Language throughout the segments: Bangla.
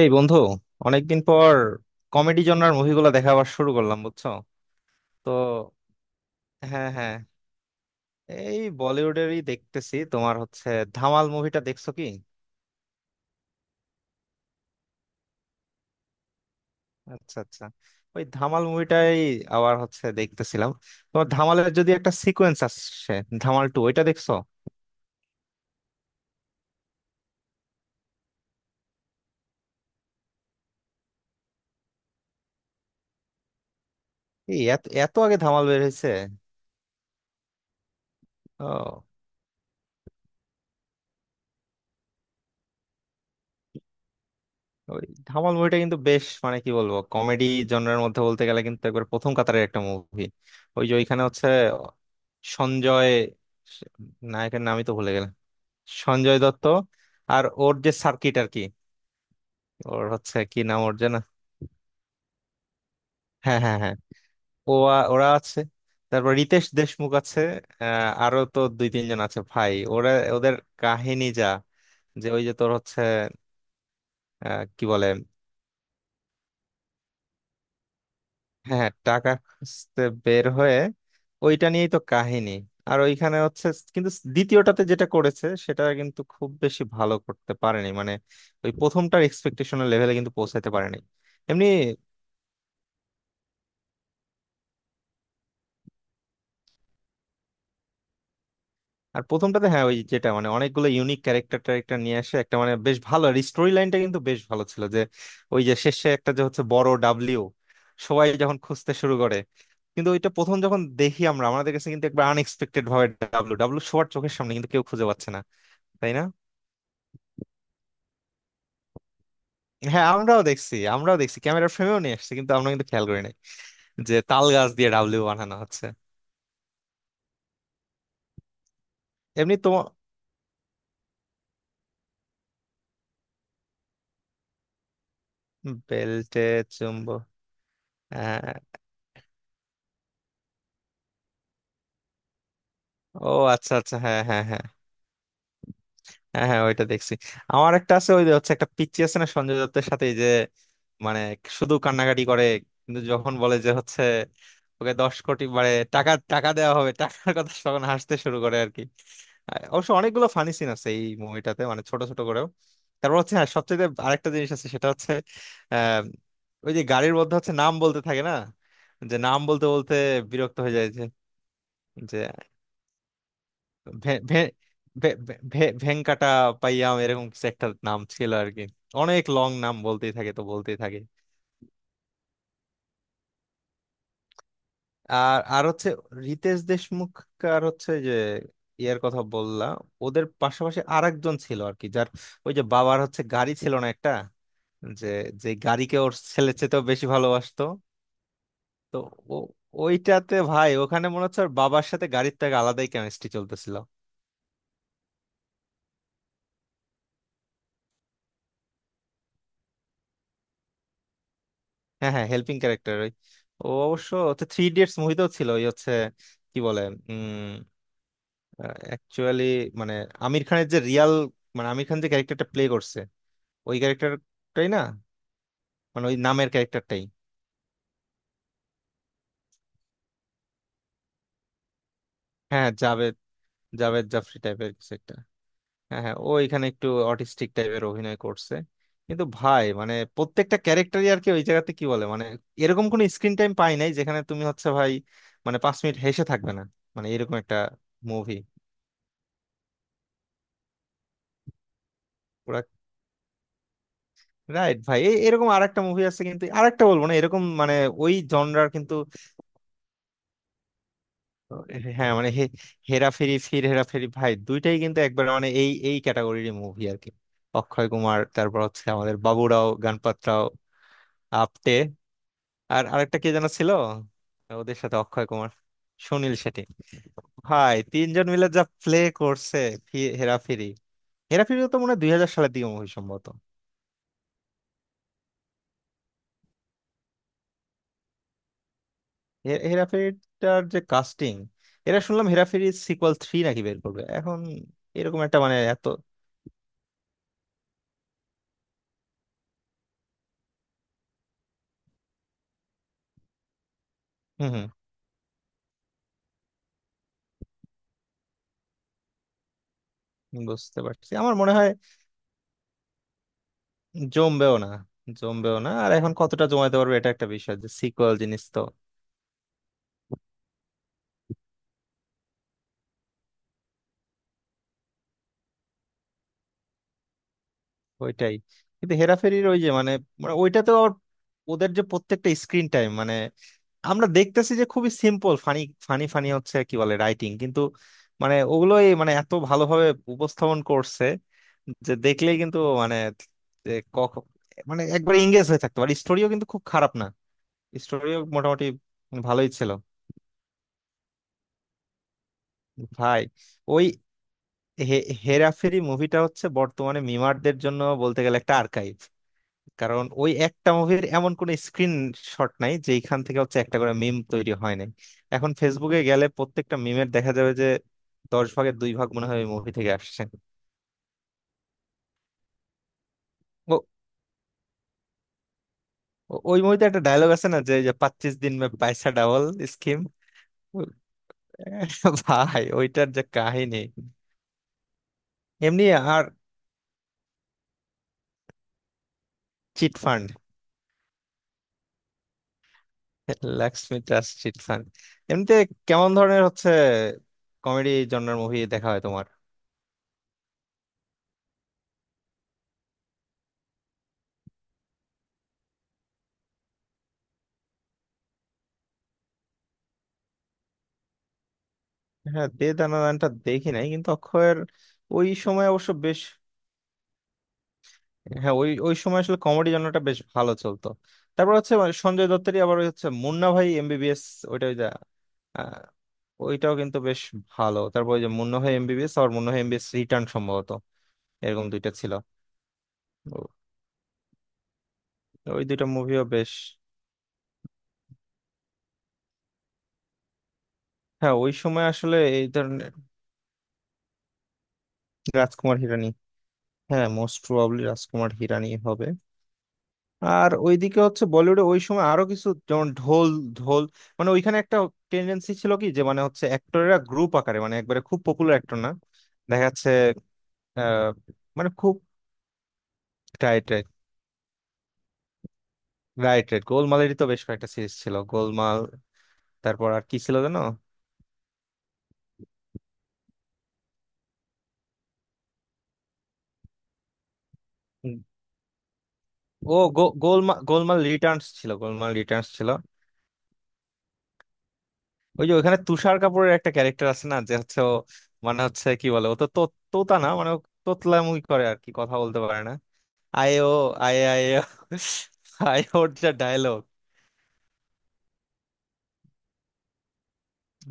এই বন্ধু অনেকদিন পর কমেডি জনরার মুভিগুলো দেখা আবার শুরু করলাম বুঝছো? তো হ্যাঁ হ্যাঁ, এই বলিউডেরই দেখতেছি। তোমার হচ্ছে ধামাল মুভিটা দেখছো কি? আচ্ছা আচ্ছা, ওই ধামাল মুভিটাই আবার হচ্ছে দেখতেছিলাম। তোমার ধামালের যদি একটা সিকোয়েন্স আসছে ধামাল 2, ওইটা দেখছো? এই এত এত আগে ধামাল বের হয়েছে? ওই ধামাল মুভিটা কিন্তু বেশ, মানে কি বলবো, কমেডি জনরের মধ্যে বলতে গেলে কিন্তু একবার প্রথম কাতারের একটা মুভি। ওই যে ওইখানে হচ্ছে সঞ্জয়, নায়কের নামই তো ভুলে গেলাম, সঞ্জয় দত্ত। আর ওর যে সার্কিট আর কি, ওর হচ্ছে কি নাম ওর যেন, হ্যাঁ হ্যাঁ হ্যাঁ। ও ওরা আছে, তারপর রিতেশ দেশমুখ আছে। আরো তো দুই তিনজন আছে ভাই, ওরা ওদের কাহিনী যা, যে ওই যে তোর হচ্ছে, কি বলে, হ্যাঁ টাকা খুঁজতে বের হয়ে ওইটা নিয়েই তো কাহিনী। আর ওইখানে হচ্ছে, কিন্তু দ্বিতীয়টাতে যেটা করেছে সেটা কিন্তু খুব বেশি ভালো করতে পারেনি, মানে ওই প্রথমটার এক্সপেকটেশনের লেভেলে কিন্তু পৌঁছাতে পারেনি। এমনি আর প্রথমটাতে হ্যাঁ ওই যেটা মানে অনেকগুলো ইউনিক ক্যারেক্টার ট্যারেক্টার নিয়ে আসে, একটা মানে বেশ ভালো, আর স্টোরি লাইনটা কিন্তু বেশ ভালো ছিল, যে ওই যে শেষে একটা যে হচ্ছে বড় ডাব্লিউ সবাই যখন খুঁজতে শুরু করে, কিন্তু ওইটা প্রথম যখন দেখি আমরা আমাদের কাছে কিন্তু একবার আনএক্সপেক্টেড ভাবে ডাব্লু ডাব্লু সবার চোখের সামনে কিন্তু কেউ খুঁজে পাচ্ছে না, তাই না? হ্যাঁ আমরাও দেখছি, আমরাও দেখছি ক্যামেরার ফ্রেমেও নিয়ে আসছে কিন্তু আমরা কিন্তু খেয়াল করি নাই যে তাল গাছ দিয়ে ডাবলু বানানো হচ্ছে। এমনি তোমার বেল্টে চুম্ব, হ্যাঁ, ও, আচ্ছা আচ্ছা হ্যাঁ হ্যাঁ হ্যাঁ। হ্যাঁ হ্যাঁ ওইটা দেখছি। আমার একটা আছে, ওই যে হচ্ছে একটা পিচ্চি আছে না সঞ্জয় দত্তের সাথে, এই যে মানে শুধু কান্নাকাটি করে, কিন্তু যখন বলে যে হচ্ছে ওকে 10 কোটি মানে টাকা, টাকা দেওয়া হবে, টাকার কথা তখন হাসতে শুরু করে আর কি। অবশ্য অনেকগুলো ফানি সিন আছে এই মুভিটাতে, মানে ছোট ছোট করেও। তারপর হচ্ছে হ্যাঁ সবচেয়ে আরেকটা জিনিস আছে, সেটা হচ্ছে আহ ওই যে গাড়ির মধ্যে হচ্ছে নাম বলতে থাকে না, যে নাম বলতে বলতে বিরক্ত হয়ে যায়, যে যে ভে- ভে- ভে- ভে- ভে- ভেঙ্কাটা পাইয়াম এরকম কিছু একটা নাম ছিল আর কি। অনেক লং নাম বলতেই থাকে, তো বলতেই থাকে। আর আর হচ্ছে রিতেশ দেশমুখ আর হচ্ছে যে ইয়ার কথা বললা, ওদের পাশাপাশি আর একজন ছিল আর কি, যার ওই যে বাবার হচ্ছে গাড়ি ছিল না একটা, যে যে গাড়িকে ওর ছেলে চেয়েতেও বেশি ভালোবাসতো। তো ও, ওইটাতে ভাই ওখানে মনে হচ্ছে ওর বাবার সাথে গাড়ির থেকে আলাদাই কেমিস্ট্রি চলতেছিল। হ্যাঁ হ্যাঁ হেল্পিং ক্যারেক্টার ওই, ও অবশ্য হচ্ছে থ্রি ইডিয়টস মুভিতেও ছিল ওই হচ্ছে কি বলে, উম অ্যাকচুয়ালি মানে আমির খানের যে রিয়াল, মানে আমির খান যে ক্যারেক্টারটা প্লে করছে ওই ক্যারেক্টারটাই না, মানে ওই নামের ক্যারেক্টারটাই। হ্যাঁ হ্যাঁ, জাভেদ, জাভেদ জাফরি টাইপের কিছু একটা। হ্যাঁ হ্যাঁ ও এখানে একটু অটিস্টিক টাইপের অভিনয় করছে। কিন্তু ভাই মানে প্রত্যেকটা ক্যারেক্টারই আর কি ওই জায়গাতে কি বলে, মানে এরকম কোনো স্ক্রিন টাইম পাই নাই যেখানে তুমি হচ্ছে ভাই মানে 5 মিনিট হেসে থাকবে না, মানে এরকম একটা মুভি। রাইট ভাই এরকম আরেকটা মুভি আছে, কিন্তু আরেকটা বলবো না, এরকম মানে ওই জনরার কিন্তু। আহ, হ্যাঁ মানে হেরাফেরি ফির হেরাফেরি ভাই দুইটাই কিন্তু একবার মানে এই এই ক্যাটাগরির মুভি আর কি। অক্ষয় কুমার, তারপর হচ্ছে আমাদের বাবুরাও গণপত রাও আপটে, আর আরেকটা কে যেন ছিল, ওদের সাথে অক্ষয় কুমার, সুনীল শেঠি, ভাই তিনজন মিলে যা প্লে করছে হেরাফেরি। হেরাফেরি তো মনে হয় 2000 সালের দিকে মুভি সম্ভবত। হেরাফেরিটার যে কাস্টিং, এরা শুনলাম হেরাফেরি সিকুয়াল 3 নাকি বের করবে এখন, এরকম একটা মানে এত। হুম হুম, বুঝতে পারছি আমার মনে হয় জমবেও না। জমবেও না আর এখন কতটা জমাইতে পারবে এটা একটা বিষয়, যে সিকুয়াল জিনিস তো। ওইটাই, কিন্তু হেরাফেরির ওই যে মানে, মানে ওইটাতেও আবার ওদের যে প্রত্যেকটা স্ক্রিন টাইম, মানে আমরা দেখতেছি যে খুবই সিম্পল ফানি, ফানি ফানি হচ্ছে কি বলে রাইটিং, কিন্তু মানে ওগুলোই মানে এত ভালোভাবে উপস্থাপন করছে, যে দেখলেই কিন্তু মানে যে কখ- মানে একবার এঙ্গেজ হয়ে থাকতে পারে, স্টোরিও কিন্তু খুব খারাপ না, স্টোরিও মোটামুটি ভালোই ছিল। ভাই ওই হেরাফেরি মুভিটা হচ্ছে বর্তমানে মিমারদের জন্য বলতে গেলে একটা আর্কাইভ, কারণ ওই একটা মুভির এমন কোন স্ক্রিন শট নাই যেখান থেকে হচ্ছে একটা করে মিম তৈরি হয় নাই। এখন ফেসবুকে গেলে প্রত্যেকটা মিমের দেখা যাবে যে 10 ভাগের 2 ভাগ মনে হয় ওই মুভি থেকে আসছে। ও, ওই মুভিতে একটা ডায়লগ আছে না যে যে 25 দিন মে পয়সা ডাবল স্কিম। ভাই ওইটার যে কাহিনী, এমনি। আর chit fund, Lakshmi trust chit fund. এমনিতে কেমন ধরনের হচ্ছে কমেডি জনরার মুভি দেখা হয় তোমার? হ্যাঁ দে দানাদানটা দেখি নাই, কিন্তু অক্ষয়ের ওই সময় অবশ্য বেশ, হ্যাঁ ওই ওই সময় আসলে কমেডি জনরাটা বেশ ভালো চলতো। তারপর হচ্ছে মানে সঞ্জয় দত্তেরই আবার ওই হচ্ছে মুন্না ভাই এমবিবিএস, ওইটা ওই যে, আহ, ওইটাও কিন্তু বেশ ভালো। তারপর ওই যে মুন্না ভাই এমবিবিএস আর মুন্না ভাই এমবিবিএস রিটার্ন সম্ভবত, এরকম দুইটা ছিল। ও- ওই দুইটা মুভিও বেশ, হ্যাঁ ওই সময় আসলে এই ধরনের। রাজকুমার হিরানি, হ্যাঁ মোস্ট প্রবাবলি রাজকুমার হিরানি হবে। আর ওইদিকে হচ্ছে বলিউডে ওই সময় আরো কিছু যেমন ঢোল, ঢোল মানে ওইখানে একটা টেন্ডেন্সি ছিল কি যে মানে হচ্ছে অ্যাক্টরেরা গ্রুপ আকারে মানে একবারে খুব পপুলার অ্যাক্টর না, দেখা যাচ্ছে আহ, মানে খুব, রাইট রাইট, রাইট রাইট গোলমালেরই তো বেশ কয়েকটা সিরিজ ছিল গোলমাল, তারপর আর কি ছিল জানো? উম, ও গোলমাল, গোলমাল রিটার্নস ছিল, গোলমাল রিটার্নস ছিল। ওই যে ওখানে তুষার কাপুরের একটা ক্যারেক্টার আছে না, যে হচ্ছে ও মানে হচ্ছে কি বলে, ও তো তো- তোতা না মানে ও তোতলামি করে আর কি, কথা বলতে পারে না। আয় ও, আয় আয় ও। ভাই ওর যা ডায়লগ!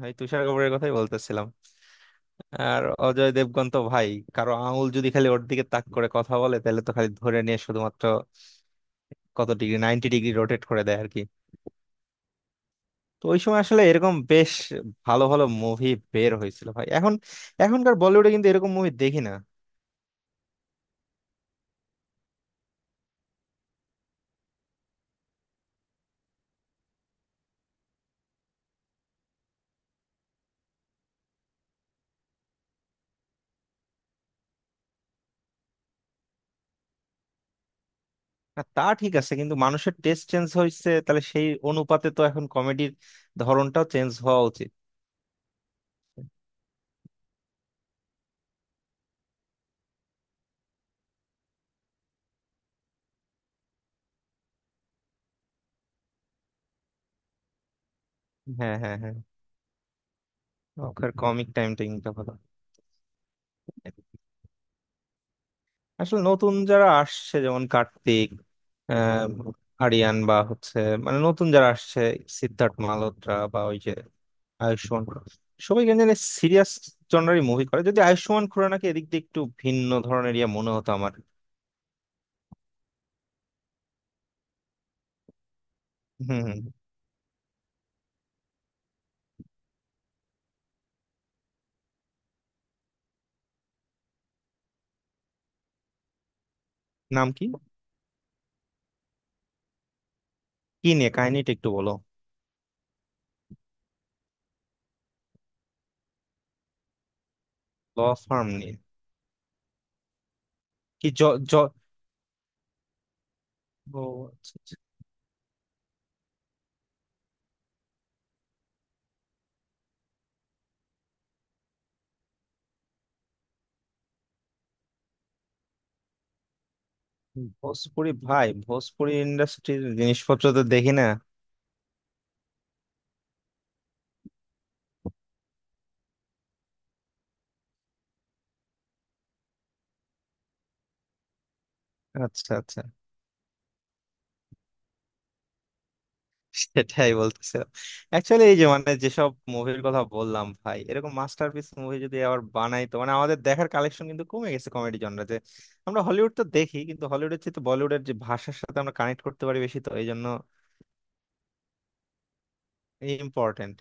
ভাই তুষার কাপুরের কথাই বলতেছিলাম। আর অজয় দেবগন তো ভাই, কারো আঙুল যদি খালি ওর দিকে তাক করে কথা বলে, তাহলে তো খালি ধরে নিয়ে শুধুমাত্র কত ডিগ্রি, 90 ডিগ্রি রোটেট করে দেয় আর কি। তো ওই সময় আসলে এরকম বেশ ভালো ভালো মুভি বের হয়েছিল ভাই। এখন এখনকার বলিউডে কিন্তু এরকম মুভি দেখি না। না, তা ঠিক আছে, কিন্তু মানুষের টেস্ট চেঞ্জ হয়েছে, তাহলে সেই অনুপাতে তো এখন কমেডির ধরনটাও চেঞ্জ হওয়া উচিত। হ্যাঁ হ্যাঁ হ্যাঁ, ওখানে কমিক টাইমটা কিন্তু ভালো। আসলে নতুন যারা আসছে যেমন কার্তিক, আহ, আরিয়ান বা হচ্ছে মানে নতুন যারা আসছে, সিদ্ধার্থ মালহোত্রা বা ওই যে আয়ুষ্মান খুরানা, সবাই কেন জানি সিরিয়াস জনারই মুভি করে, যদি আয়ুষ্মান খুরানাকে এদিক দিয়ে একটু ভিন্ন ধরনের ইয়ে মনে হতো আমার। হম হম। নাম কি? কি নিয়ে কাহিনীটা একটু বলো। ল ফার্ম নিয়ে। কি জ জ ও, আচ্ছা, আচ্ছা। ভোজপুরি, ভাই ভোজপুরি ইন্ডাস্ট্রির জিনিসপত্র তো দেখি না। আচ্ছা আচ্ছা সেটাই বলতেছিলাম। অ্যাকচুয়ালি এই যে মানে যেসব মুভির কথা বললাম ভাই, এরকম মাস্টারপিস মুভি যদি আবার বানাই, তো মানে আমাদের দেখার কালেকশন কিন্তু কমে গেছে কমেডি জনরাতে। আমরা হলিউড তো দেখি, কিন্তু হলিউডের চেয়ে তো বলিউডের যে ভাষার সাথে আমরা কানেক্ট করতে পারি বেশি তো এই জন্য ইম্পর্টেন্ট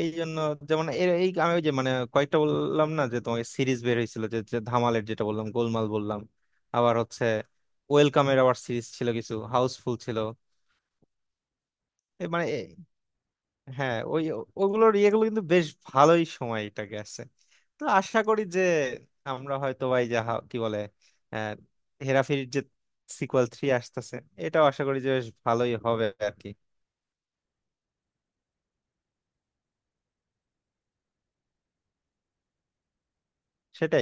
এই জন্য। যেমন এই আমি ওই যে মানে কয়েকটা বললাম না যে তোমাকে সিরিজ বের হয়েছিল, যে যে ধামালের যেটা বললাম, গোলমাল বললাম, আবার হচ্ছে ওয়েলকামের আবার সিরিজ ছিল, কিছু হাউসফুল ছিল, এ মানে, হ্যাঁ ওই ওগুলোর ইয়েগুলো কিন্তু বেশ ভালোই সময়টা গেছে। তো আশা করি যে আমরা হয়তো ভাই যা কি বলে, আহ, হেরাফেরির যে সিকুয়েল 3 আসতেছে, এটাও আশা করি যে বেশ ভালোই হবে আর কি। সেটাই।